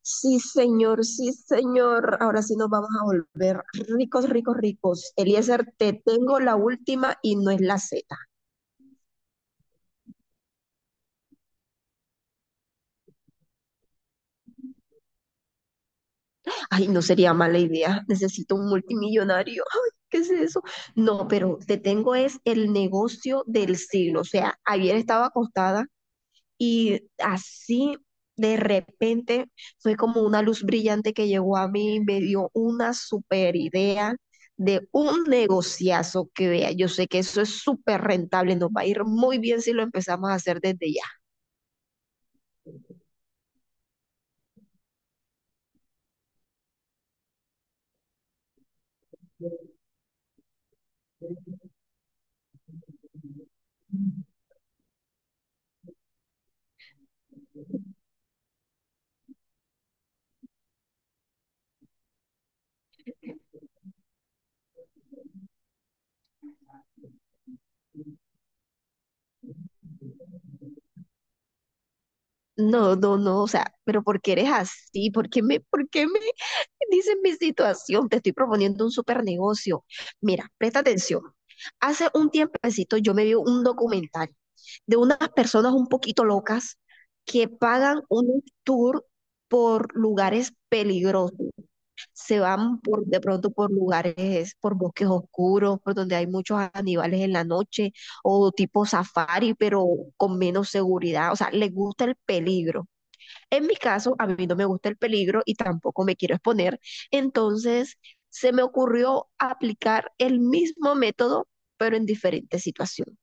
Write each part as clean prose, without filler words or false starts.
Sí, señor, sí, señor. Ahora sí nos vamos a volver ricos, ricos, ricos. Eliezer, te tengo la última y no es la Z. Ay, no sería mala idea. Necesito un multimillonario. Ay, ¿qué es eso? No, pero te tengo es el negocio del siglo. O sea, ayer estaba acostada y así, de repente, fue como una luz brillante que llegó a mí y me dio una super idea de un negociazo, que vea. Yo sé que eso es súper rentable, nos va a ir muy bien si lo empezamos a hacer desde ya. No, no, no, o sea, pero ¿por qué eres así? Por qué me dices mi situación? Te estoy proponiendo un super negocio. Mira, presta atención. Hace un tiempecito yo me vi un documental de unas personas un poquito locas que pagan un tour por lugares peligrosos. Se van por, de pronto por lugares, por bosques oscuros, por donde hay muchos animales en la noche, o tipo safari, pero con menos seguridad. O sea, les gusta el peligro. En mi caso, a mí no me gusta el peligro y tampoco me quiero exponer, entonces se me ocurrió aplicar el mismo método, pero en diferentes situaciones.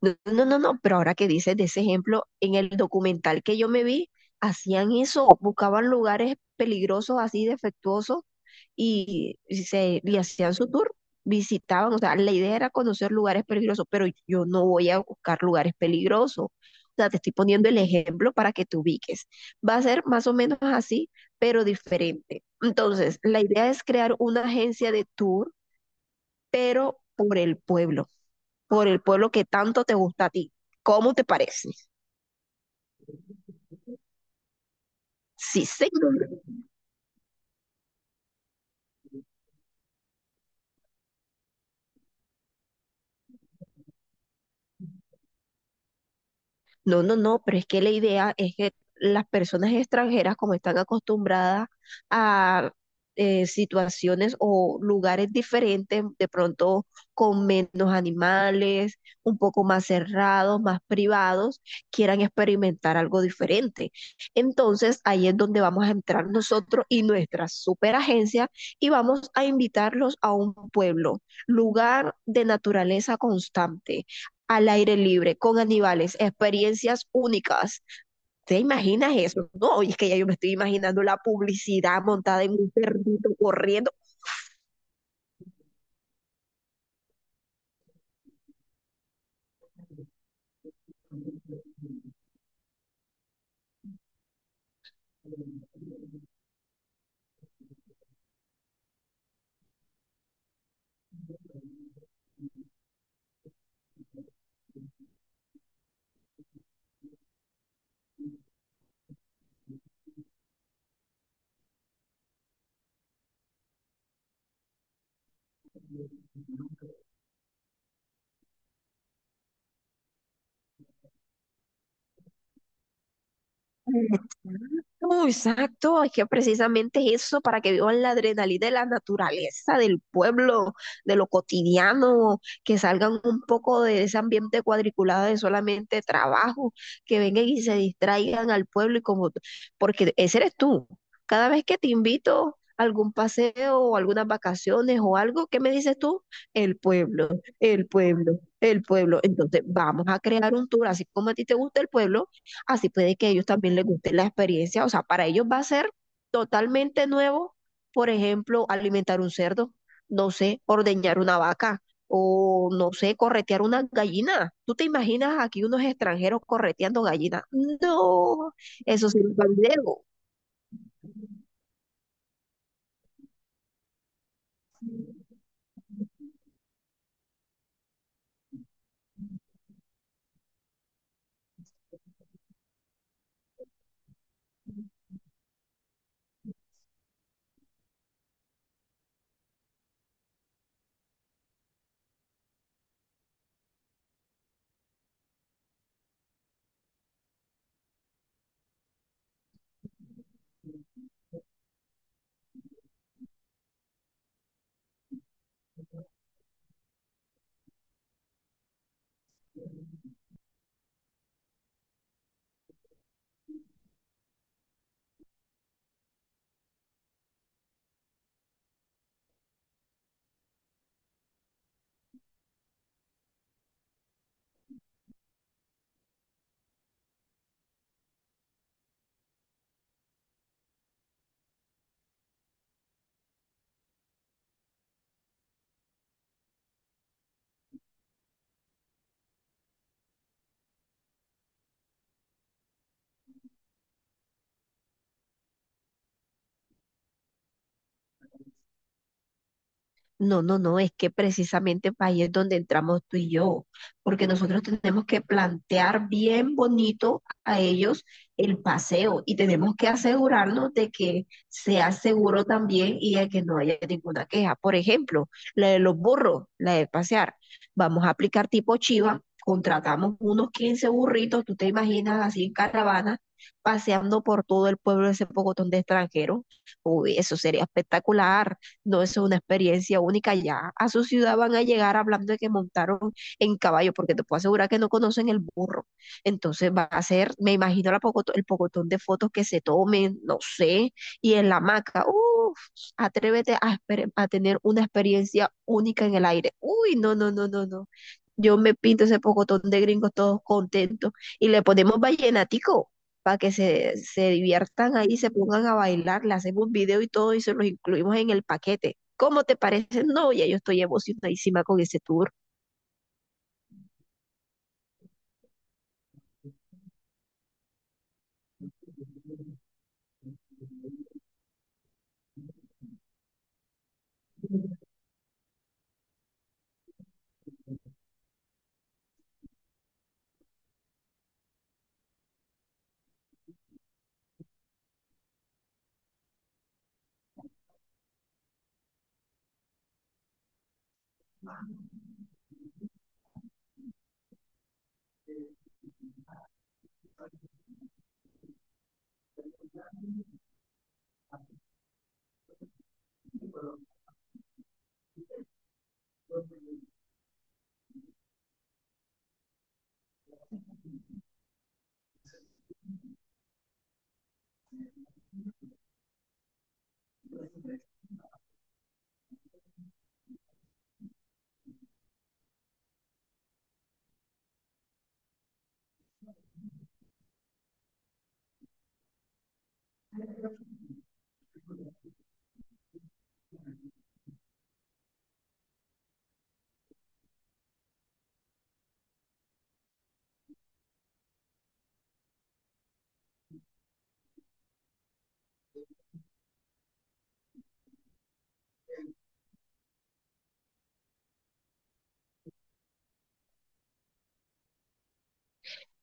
No, no, no, no, pero ahora que dices de ese ejemplo, en el documental que yo me vi, hacían eso, buscaban lugares peligrosos, así defectuosos, y hacían su tour, visitaban, o sea, la idea era conocer lugares peligrosos, pero yo no voy a buscar lugares peligrosos. O sea, te estoy poniendo el ejemplo para que te ubiques. Va a ser más o menos así, pero diferente. Entonces, la idea es crear una agencia de tour, pero por el pueblo, por el pueblo que tanto te gusta a ti. ¿Cómo te parece? Sí, señor. No, no, no, pero es que la idea es que las personas extranjeras, como están acostumbradas a situaciones o lugares diferentes, de pronto con menos animales, un poco más cerrados, más privados, quieran experimentar algo diferente. Entonces, ahí es donde vamos a entrar nosotros y nuestra superagencia y vamos a invitarlos a un pueblo, lugar de naturaleza constante, al aire libre, con animales, experiencias únicas. ¿Te imaginas eso? No, y es que ya yo me estoy imaginando la publicidad montada en un perrito corriendo. Exacto, exacto, es que precisamente es eso, para que vivan la adrenalina de la naturaleza, del pueblo, de lo cotidiano, que salgan un poco de ese ambiente cuadriculado de solamente trabajo, que vengan y se distraigan al pueblo y, como, porque ese eres tú. Cada vez que te invito a algún paseo o algunas vacaciones o algo, ¿qué me dices tú? El pueblo, el pueblo, el pueblo. Entonces, vamos a crear un tour, así como a ti te gusta el pueblo. Así puede que a ellos también les guste la experiencia. O sea, para ellos va a ser totalmente nuevo. Por ejemplo, alimentar un cerdo, no sé, ordeñar una vaca o no sé, corretear una gallina. ¿Tú te imaginas aquí unos extranjeros correteando gallinas? No, eso sí no es un video. No, no, no, es que precisamente ahí es donde entramos tú y yo, porque nosotros tenemos que plantear bien bonito a ellos el paseo y tenemos que asegurarnos de que sea seguro también y de que no haya ninguna queja. Por ejemplo, la de los burros, la de pasear. Vamos a aplicar tipo chiva, contratamos unos 15 burritos, tú te imaginas así en caravana, paseando por todo el pueblo ese pocotón de extranjeros. Uy, eso sería espectacular. No, eso es una experiencia única. Ya a su ciudad van a llegar hablando de que montaron en caballo, porque te puedo asegurar que no conocen el burro. Entonces va a ser, me imagino, el pocotón de fotos que se tomen, no sé, y en la hamaca. Uf, atrévete a tener una experiencia única en el aire. Uy, no, no, no, no, no. Yo me pinto ese pocotón de gringos todos contentos y le ponemos vallenatico para que se diviertan ahí, se pongan a bailar, le hacemos un video y todo y se los incluimos en el paquete. ¿Cómo te parece? No, ya yo estoy emocionadísima con ese tour.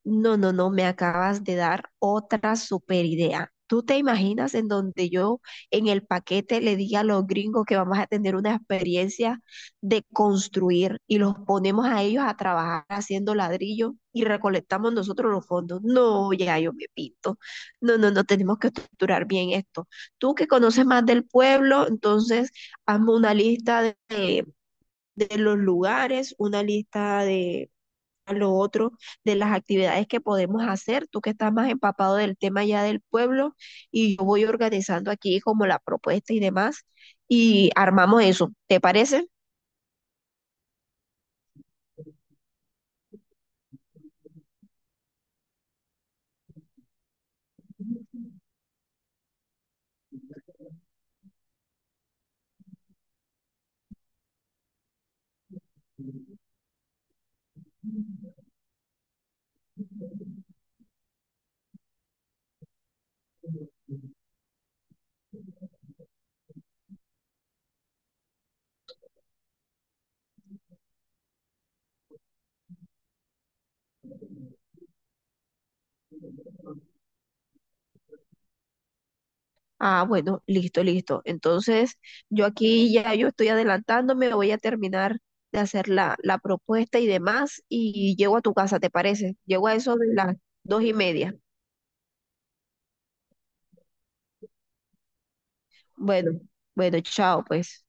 No, no, no, me acabas de dar otra super idea. ¿Tú te imaginas en donde yo en el paquete le diga a los gringos que vamos a tener una experiencia de construir y los ponemos a ellos a trabajar haciendo ladrillo y recolectamos nosotros los fondos? No, ya yo me pinto. No, no, no, tenemos que estructurar bien esto. Tú que conoces más del pueblo, entonces hazme una lista de, de los lugares, una lista de lo otro, de las actividades que podemos hacer. Tú que estás más empapado del tema ya del pueblo y yo voy organizando aquí como la propuesta y demás y armamos eso. ¿Te parece? Ah, bueno, listo, listo. Entonces, yo aquí ya yo estoy adelantándome, voy a terminar de hacer la, la propuesta y demás y llego a tu casa, ¿te parece? Llego a eso de las 2:30. Bueno, bueno, chao, pues.